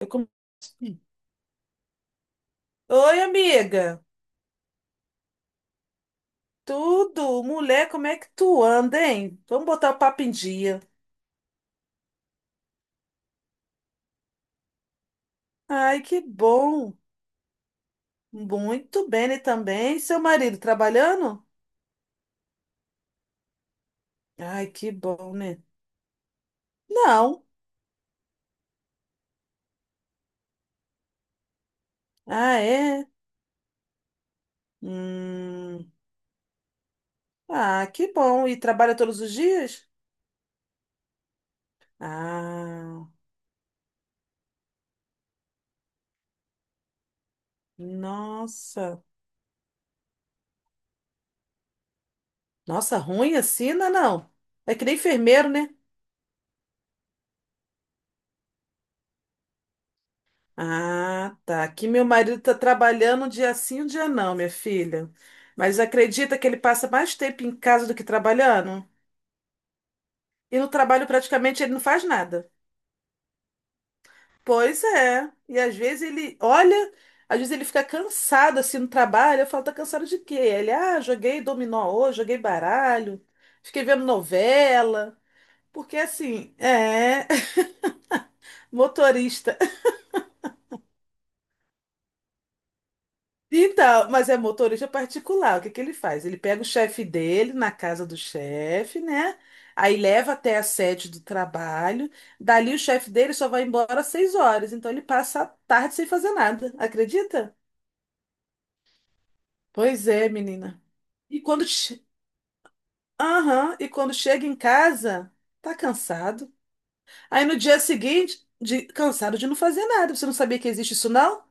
Eu come- Oi, amiga. Tudo? Mulher, como é que tu anda, hein? Vamos botar o papo em dia. Ai, que bom. Muito bem, né, também. Seu marido trabalhando? Ai, que bom, né? Não. Ah, é? Hum. Ah, que bom. E trabalha todos os dias? Ah, nossa. Nossa, ruim assim, não, é não. É que nem enfermeiro, né? Ah, tá. Aqui meu marido tá trabalhando um dia sim, um dia não, minha filha. Mas acredita que ele passa mais tempo em casa do que trabalhando? E no trabalho praticamente ele não faz nada. Pois é. E às vezes ele olha, às vezes ele fica cansado assim no trabalho. Eu falo, tá cansado de quê? Ele, ah, joguei dominó hoje, joguei baralho, fiquei vendo novela. Porque assim, é, motorista. Então, mas é motorista particular. O que que ele faz? Ele pega o chefe dele na casa do chefe, né? Aí leva até a sede do trabalho. Dali o chefe dele só vai embora às 6 horas. Então ele passa a tarde sem fazer nada. Acredita? Pois é, menina. E quando, che- Aham, e quando chega em casa, tá cansado. Aí no dia seguinte, cansado de não fazer nada. Você não sabia que existe isso, não?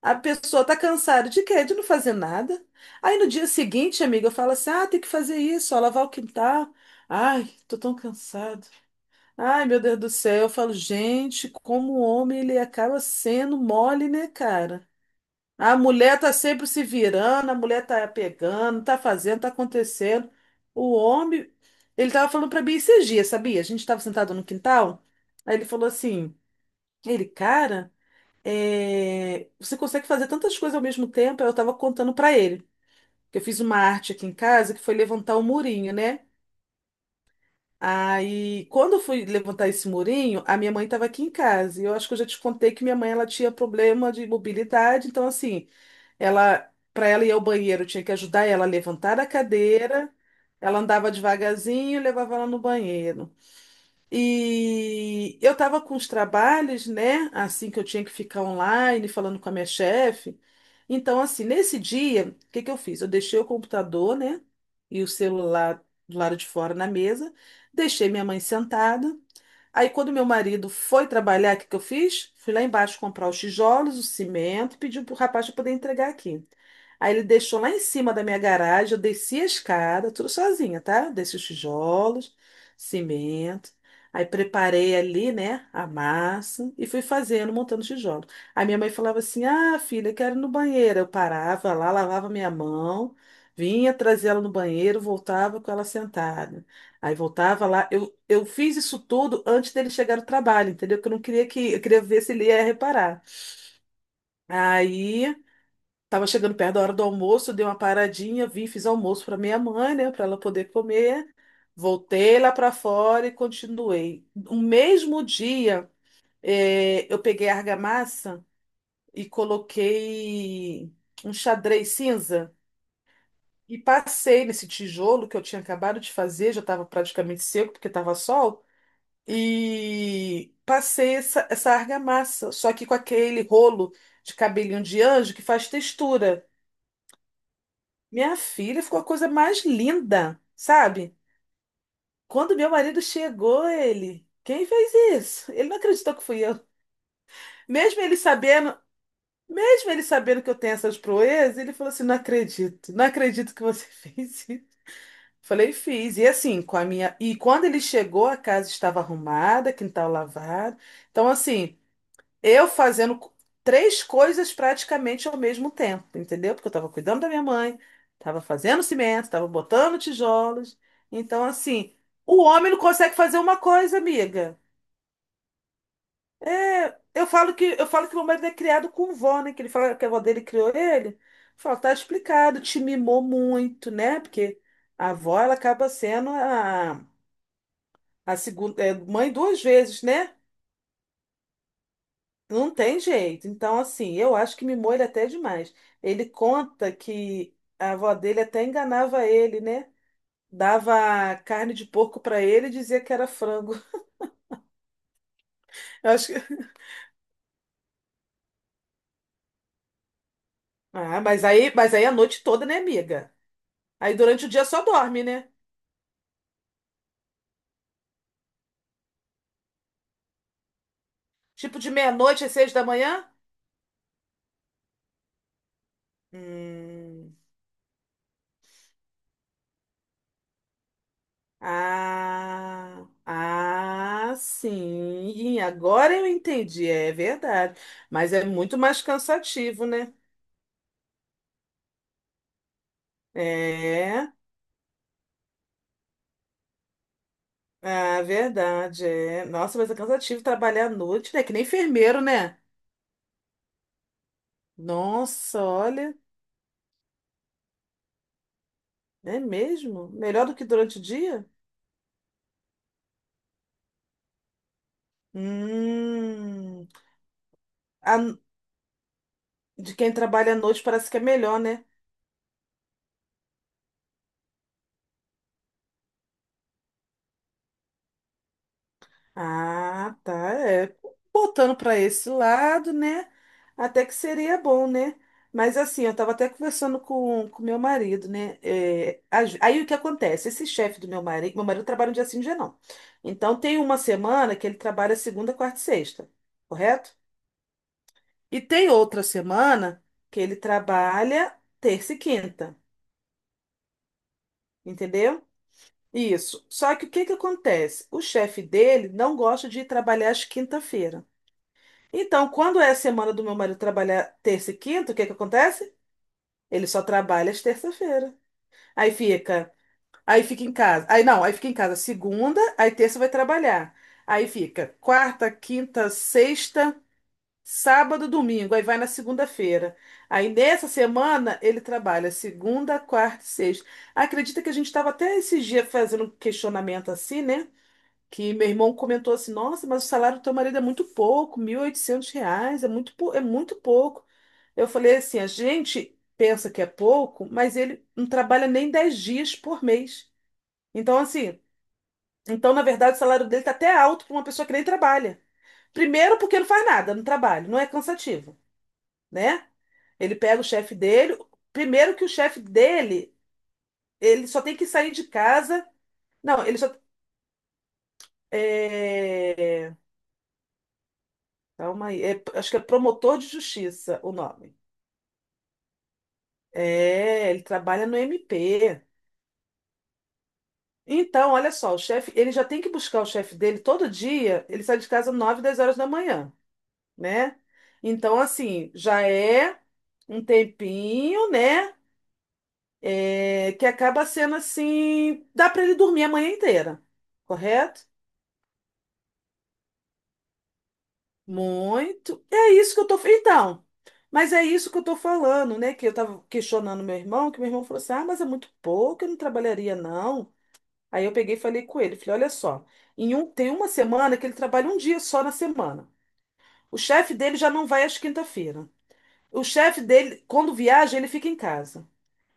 A pessoa tá cansada de quê? De não fazer nada. Aí no dia seguinte, amiga, eu falo assim: ah, tem que fazer isso, ó, lavar o quintal. Ai, tô tão cansado. Ai, meu Deus do céu. Eu falo, gente, como o homem ele acaba sendo mole, né, cara? A mulher tá sempre se virando, a mulher tá pegando, tá fazendo, tá acontecendo. O homem, ele tava falando pra mim esses dias, sabia? A gente tava sentado no quintal, aí ele falou assim: ele, cara é, você consegue fazer tantas coisas ao mesmo tempo. Eu estava contando para ele que eu fiz uma arte aqui em casa que foi levantar o murinho, né? Aí, quando eu fui levantar esse murinho, a minha mãe estava aqui em casa. E eu acho que eu já te contei que minha mãe ela tinha problema de mobilidade, então assim, ela para ela ir ao banheiro, eu tinha que ajudar ela a levantar a cadeira. Ela andava devagarzinho, e levava ela no banheiro. E eu estava com os trabalhos, né? Assim que eu tinha que ficar online falando com a minha chefe. Então, assim, nesse dia, o que que eu fiz? Eu deixei o computador, né? E o celular do lado de fora na mesa, deixei minha mãe sentada. Aí, quando meu marido foi trabalhar, o que que eu fiz? Fui lá embaixo comprar os tijolos, o cimento, pedi pro rapaz para poder entregar aqui. Aí ele deixou lá em cima da minha garagem, eu desci a escada, tudo sozinha, tá? Desci os tijolos, cimento. Aí preparei ali, né, a massa e fui fazendo, montando os tijolos. Aí minha mãe falava assim: ah, filha, quero ir no banheiro. Eu parava lá, lavava minha mão, vinha, trazia ela no banheiro, voltava com ela sentada. Aí voltava lá. Eu fiz isso tudo antes dele chegar no trabalho, entendeu? Que eu não queria que. Eu queria ver se ele ia reparar. Aí tava chegando perto da hora do almoço, dei uma paradinha, vim, fiz almoço para minha mãe, né? Para ela poder comer. Voltei lá para fora e continuei. No mesmo dia, eu peguei a argamassa e coloquei um xadrez cinza. E passei nesse tijolo que eu tinha acabado de fazer, já estava praticamente seco, porque estava sol. E passei essa argamassa, só que com aquele rolo de cabelinho de anjo que faz textura. Minha filha ficou a coisa mais linda, sabe? Quando meu marido chegou, ele, quem fez isso? Ele não acreditou que fui eu. Mesmo ele sabendo, mesmo ele sabendo que eu tenho essas proezas, ele falou assim: "Não acredito, não acredito que você fez isso". Falei, fiz. E assim, com a minha. E quando ele chegou, a casa estava arrumada, quintal lavado. Então, assim, Eu fazendo três coisas praticamente ao mesmo tempo, entendeu? Porque eu estava cuidando da minha mãe, estava fazendo cimento, estava botando tijolos. Então, assim, o homem não consegue fazer uma coisa, amiga. É, Eu falo que meu marido é criado com vó, né? Que ele fala que a avó dele criou ele. Fala, tá explicado, te mimou muito, né? Porque a avó, ela acaba sendo a segunda, é, mãe 2 vezes, né? Não tem jeito. Então, assim, eu acho que mimou ele até demais. Ele conta que a avó dele até enganava ele, né? Dava carne de porco pra ele e dizia que era frango. Eu acho que... Ah, mas aí a noite toda, né, amiga? Aí durante o dia só dorme, né? Tipo de meia-noite às 6 da manhã? Hum. Ah, sim. Agora eu entendi. É verdade. Mas é muito mais cansativo, né? É. Ah, verdade, é. Nossa, mas é cansativo trabalhar à noite, né? Que nem enfermeiro, né? Nossa, olha, é mesmo? Melhor do que durante o dia? Hum. a- de quem trabalha à noite parece que é melhor, né? Ah, tá. É, botando para esse lado, né? Até que seria bom, né? Mas assim, eu estava até conversando com meu marido, né? É, aí o que acontece? Esse chefe do meu marido trabalha um dia sim, um dia não. Então tem uma semana que ele trabalha segunda, quarta e sexta, correto? E tem outra semana que ele trabalha terça e quinta, entendeu? Isso. Só que o que que acontece? O chefe dele não gosta de ir trabalhar às quinta-feira. Então, quando é a semana do meu marido trabalhar terça e quinta, o que que acontece? Ele só trabalha às terça-feira. Aí fica, aí fica em casa. Aí não, aí fica em casa segunda, aí terça vai trabalhar. Aí fica quarta, quinta, sexta, sábado, domingo. Aí vai na segunda-feira. Aí nessa semana ele trabalha segunda, quarta e sexta. Acredita que a gente estava até esse dia fazendo um questionamento assim, né? Que meu irmão comentou assim, nossa, mas o salário do teu marido é muito pouco, 1.800 reais, é muito, é muito pouco. Eu falei assim, a gente pensa que é pouco, mas ele não trabalha nem 10 dias por mês. Então, assim, então, na verdade, o salário dele está até alto para uma pessoa que nem trabalha. Primeiro, porque não faz nada no trabalho, não é cansativo, né? Ele pega o chefe dele. Primeiro que o chefe dele, ele só tem que sair de casa. Não, ele só. É, calma aí. Acho que é promotor de justiça o nome. É, ele trabalha no MP. Então, olha só, o chefe, ele já tem que buscar o chefe dele todo dia. Ele sai de casa 9 10 horas da manhã, né? Então, assim, já é um tempinho, né? É, que acaba sendo assim, dá para ele dormir a manhã inteira, correto? Muito. É isso que eu tô. Então, mas é isso que eu tô falando, né? Que eu tava questionando meu irmão, que meu irmão falou assim: ah, mas é muito pouco, eu não trabalharia, não. Aí eu peguei e falei com ele, falei, olha só, tem uma semana que ele trabalha um dia só na semana. O chefe dele já não vai às quinta-feira. O chefe dele, quando viaja, ele fica em casa.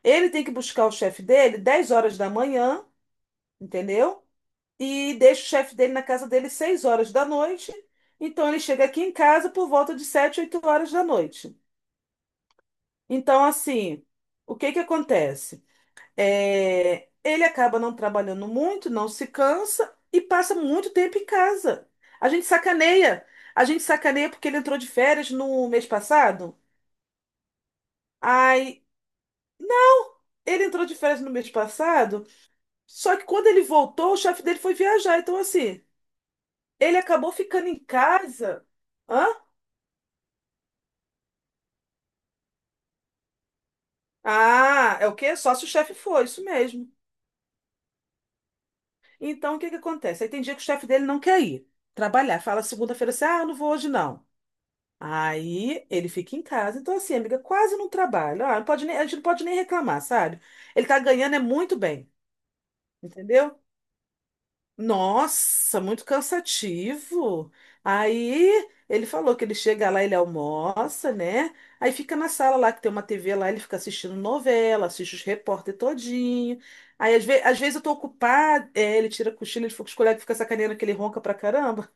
Ele tem que buscar o chefe dele 10 horas da manhã, entendeu? E deixa o chefe dele na casa dele 6 horas da noite. Então ele chega aqui em casa por volta de 7, 8 horas da noite. Então, assim, o que que acontece? É, ele acaba não trabalhando muito, não se cansa e passa muito tempo em casa. A gente sacaneia. A gente sacaneia porque ele entrou de férias no mês passado. Ai, não! Ele entrou de férias no mês passado, só que quando ele voltou, o chefe dele foi viajar. Então, assim, ele acabou ficando em casa. Hã? Ah, é o quê? Só se o chefe for, isso mesmo. Então, o que que acontece? Aí tem dia que o chefe dele não quer ir trabalhar. Fala segunda-feira assim, ah, eu não vou hoje não. Aí ele fica em casa. Então, assim, amiga, quase não trabalha. Ah, não pode nem- a gente não pode nem reclamar, sabe? Ele tá ganhando é muito bem, entendeu? Nossa, muito cansativo. Aí ele falou que ele chega lá, ele almoça, né? Aí fica na sala lá, que tem uma TV lá, ele fica assistindo novela, assiste os repórter todinho. Às vezes eu tô ocupada, é, ele tira a cochilo, ele fica com os colegas, fica sacaneando que ele ronca pra caramba.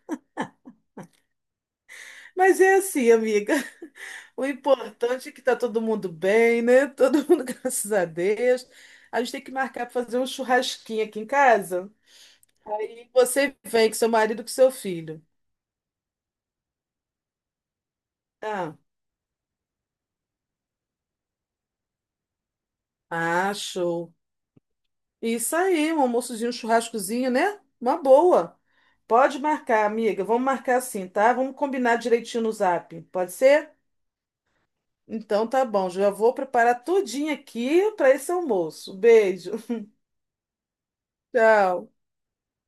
Mas é assim, amiga. O importante é que tá todo mundo bem, né? Todo mundo, graças a Deus. A gente tem que marcar pra fazer um churrasquinho aqui em casa. Aí você vem com seu marido, com seu filho. Ah. Ah, show. Isso aí, um almoçozinho, um churrascozinho, né? Uma boa. Pode marcar, amiga. Vamos marcar assim, tá? Vamos combinar direitinho no Zap. Pode ser? Então tá bom. Já vou preparar tudinho aqui para esse almoço. Beijo. Tchau.